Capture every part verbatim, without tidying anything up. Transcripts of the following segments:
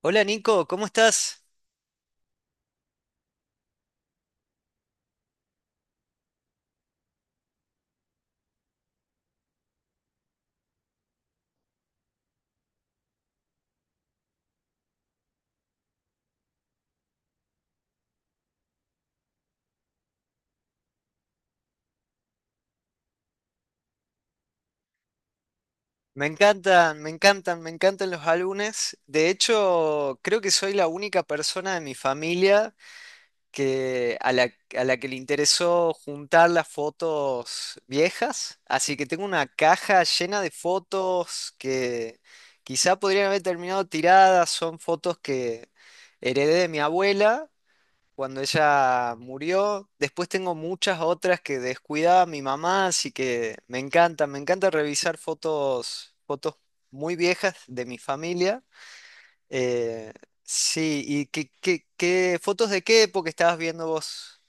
Hola Nico, ¿cómo estás? Me encantan, me encantan, me encantan los álbumes. De hecho, creo que soy la única persona de mi familia que, a la, a la que le interesó juntar las fotos viejas. Así que tengo una caja llena de fotos que quizá podrían haber terminado tiradas. Son fotos que heredé de mi abuela cuando ella murió. Después tengo muchas otras que descuidaba mi mamá, así que me encanta, me encanta revisar fotos, fotos muy viejas de mi familia. Eh, sí, ¿y qué, qué, qué fotos de qué época estabas viendo vos?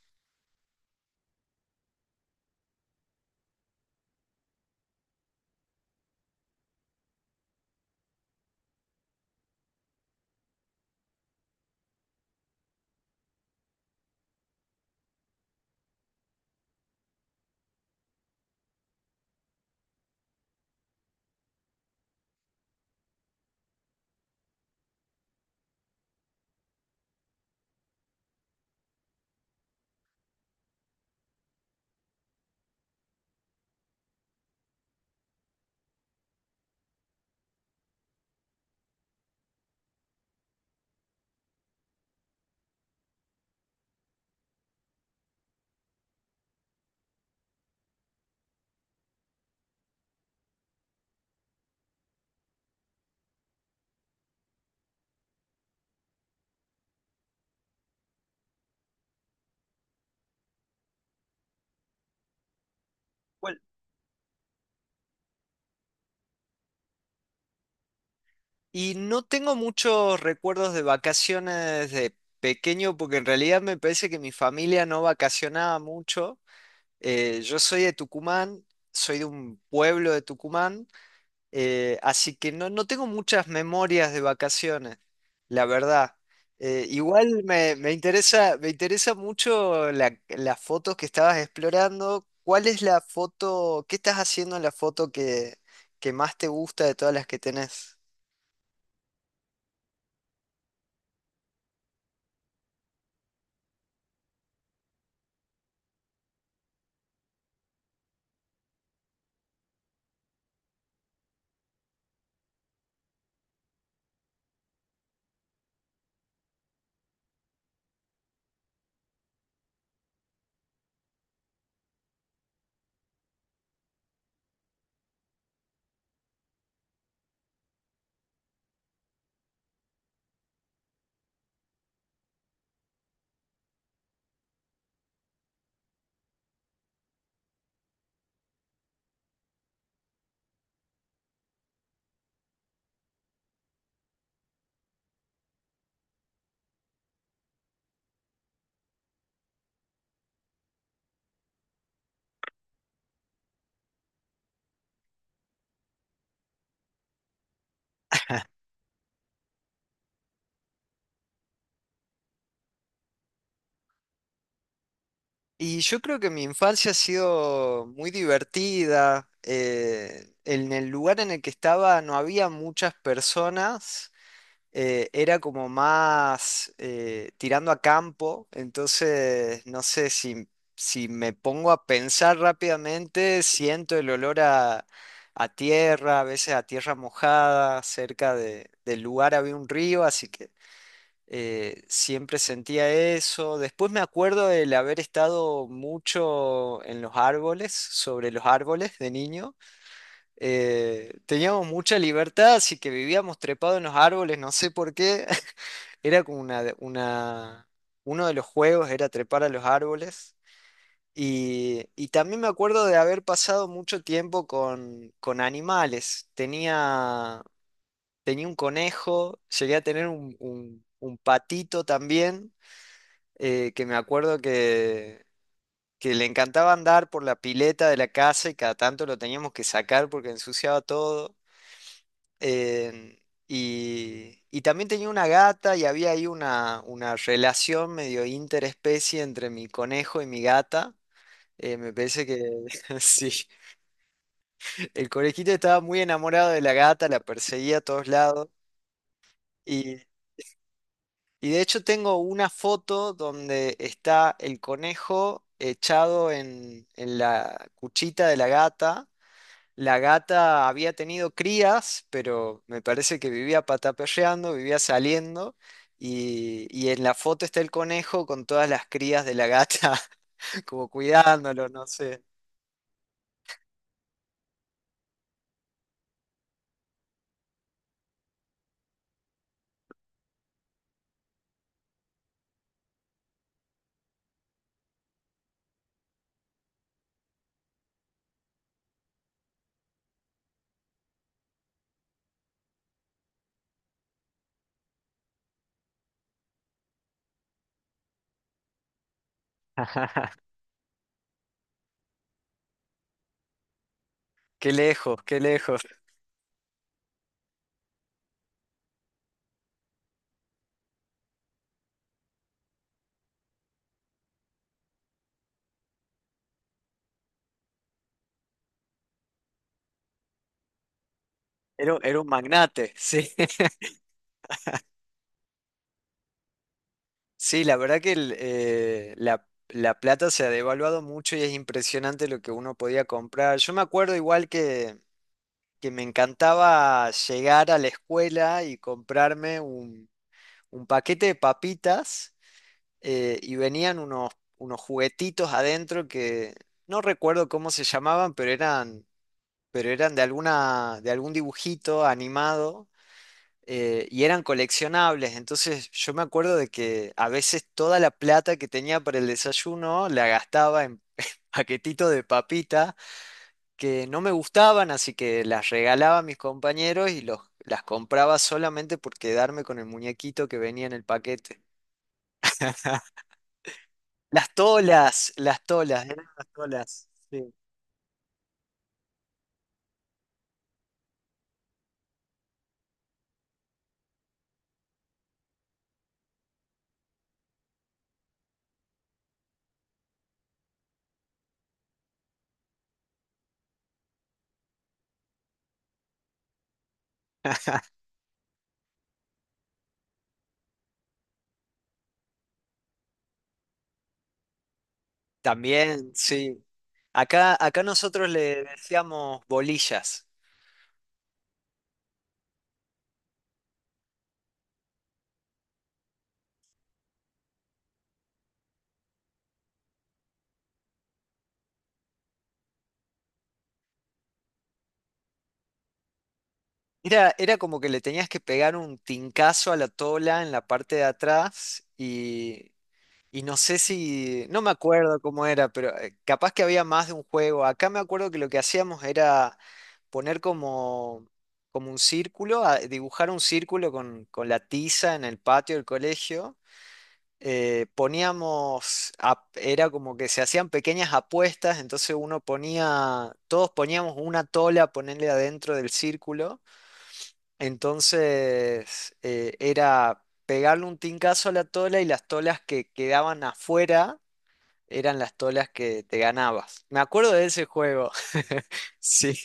Bueno, y no tengo muchos recuerdos de vacaciones de pequeño, porque en realidad me parece que mi familia no vacacionaba mucho. Eh, yo soy de Tucumán, soy de un pueblo de Tucumán, Eh, así que no, no tengo muchas memorias de vacaciones, la verdad. Eh, igual me, me interesa, me interesa mucho la- las fotos que estabas explorando. ¿Cuál es la foto, qué estás haciendo en la foto que, que más te gusta de todas las que tenés? Y yo creo que mi infancia ha sido muy divertida. Eh, en el lugar en el que estaba no había muchas personas, eh, era como más eh, tirando a campo, entonces no sé si, si me pongo a pensar rápidamente, siento el olor a, a tierra, a veces a tierra mojada, cerca de- del lugar había un río, así que eh, siempre sentía eso. Después me acuerdo del haber estado mucho en los árboles, sobre los árboles de niño. Eh, teníamos mucha libertad, así que vivíamos trepados en los árboles, no sé por qué. Era como una, una, uno de los juegos era trepar a los árboles y, y también me acuerdo de haber pasado mucho tiempo con, con animales. Tenía, tenía un conejo, llegué a tener un, un- un patito también, eh, que me acuerdo que, que le encantaba andar por la pileta de la casa y cada tanto lo teníamos que sacar porque ensuciaba todo. Eh, y, y también tenía una gata y había ahí una, una relación medio interespecie entre mi conejo y mi gata. Eh, me parece que sí, el conejito estaba muy enamorado de la gata, la perseguía a todos lados. Y, y de hecho tengo una foto donde está el conejo echado en, en la cuchita de la gata. La gata había tenido crías, pero me parece que vivía pataperreando, vivía saliendo. Y, y en la foto está el conejo con todas las crías de la gata, como cuidándolo, no sé. Qué lejos, qué lejos. Era, un- era un magnate, sí. Sí, la verdad que el, eh, la, la plata se ha devaluado mucho y es impresionante lo que uno podía comprar. Yo me acuerdo igual que, que me encantaba llegar a la escuela y comprarme un un paquete de papitas, eh, y venían unos, unos juguetitos adentro que no recuerdo cómo se llamaban, pero eran, pero eran de alguna, de algún dibujito animado, eh, y eran coleccionables. Entonces yo me acuerdo de que a veces toda la plata que tenía para el desayuno la gastaba en paquetitos de papitas que no me gustaban, así que las regalaba a mis compañeros y los, las compraba solamente por quedarme con el muñequito que venía en el paquete. Las tolas, las tolas, eran las tolas, sí. También, sí. Acá, acá nosotros le decíamos bolillas. Era, era como que le tenías que pegar un tincazo a la tola en la parte de atrás y, y no sé si, no me acuerdo cómo era, pero eh, capaz que había más de un juego. Acá me acuerdo que lo que hacíamos era poner como, como un círculo, a- dibujar un círculo con, con la tiza en el patio del colegio. Eh, poníamos, ap- era como que se hacían pequeñas apuestas, entonces uno ponía, todos poníamos una tola, ponerle adentro del círculo, entonces eh, era pegarle un tincazo a la tola y las tolas que quedaban afuera eran las tolas que te ganabas. Me acuerdo de ese juego. Sí.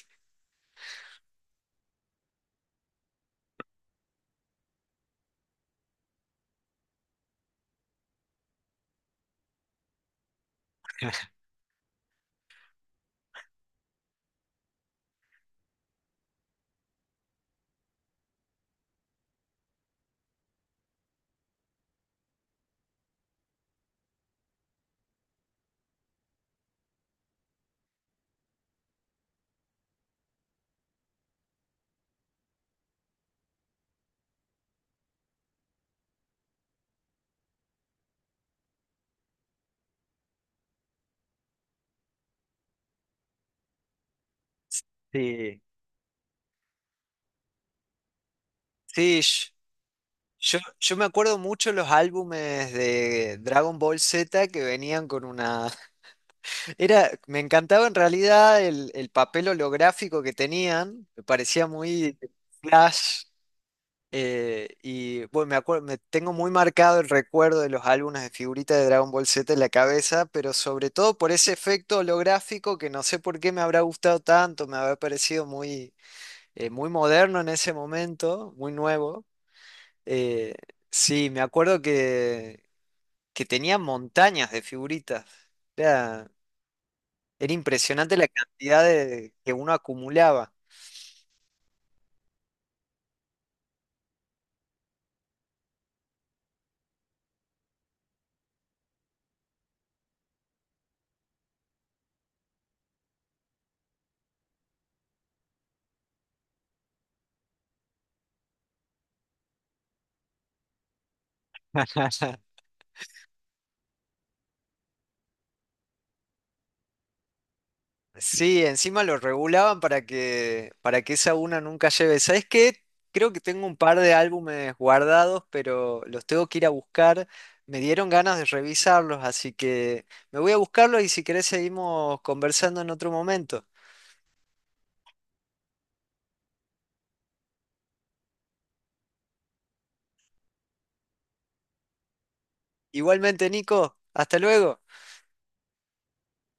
Sí, sí, sh- yo, yo me acuerdo mucho los álbumes de Dragon Ball Z que venían con una. Era, me encantaba en realidad el, el papel holográfico que tenían, me parecía muy flash. Eh, y bueno, me acuerdo, me tengo muy marcado el recuerdo de los álbumes de figuritas de Dragon Ball Z en la cabeza, pero sobre todo por ese efecto holográfico que no sé por qué me habrá gustado tanto, me habrá parecido muy, eh, muy moderno en ese momento, muy nuevo. Eh, sí, me acuerdo que, que tenía montañas de figuritas. Era Era impresionante la cantidad de, que uno acumulaba. Sí, encima lo regulaban para que, para que esa una nunca lleve. ¿Sabes qué? Creo que tengo un par de álbumes guardados, pero los tengo que ir a buscar. Me dieron ganas de revisarlos, así que me voy a buscarlos y si querés seguimos conversando en otro momento. Igualmente, Nico, hasta luego.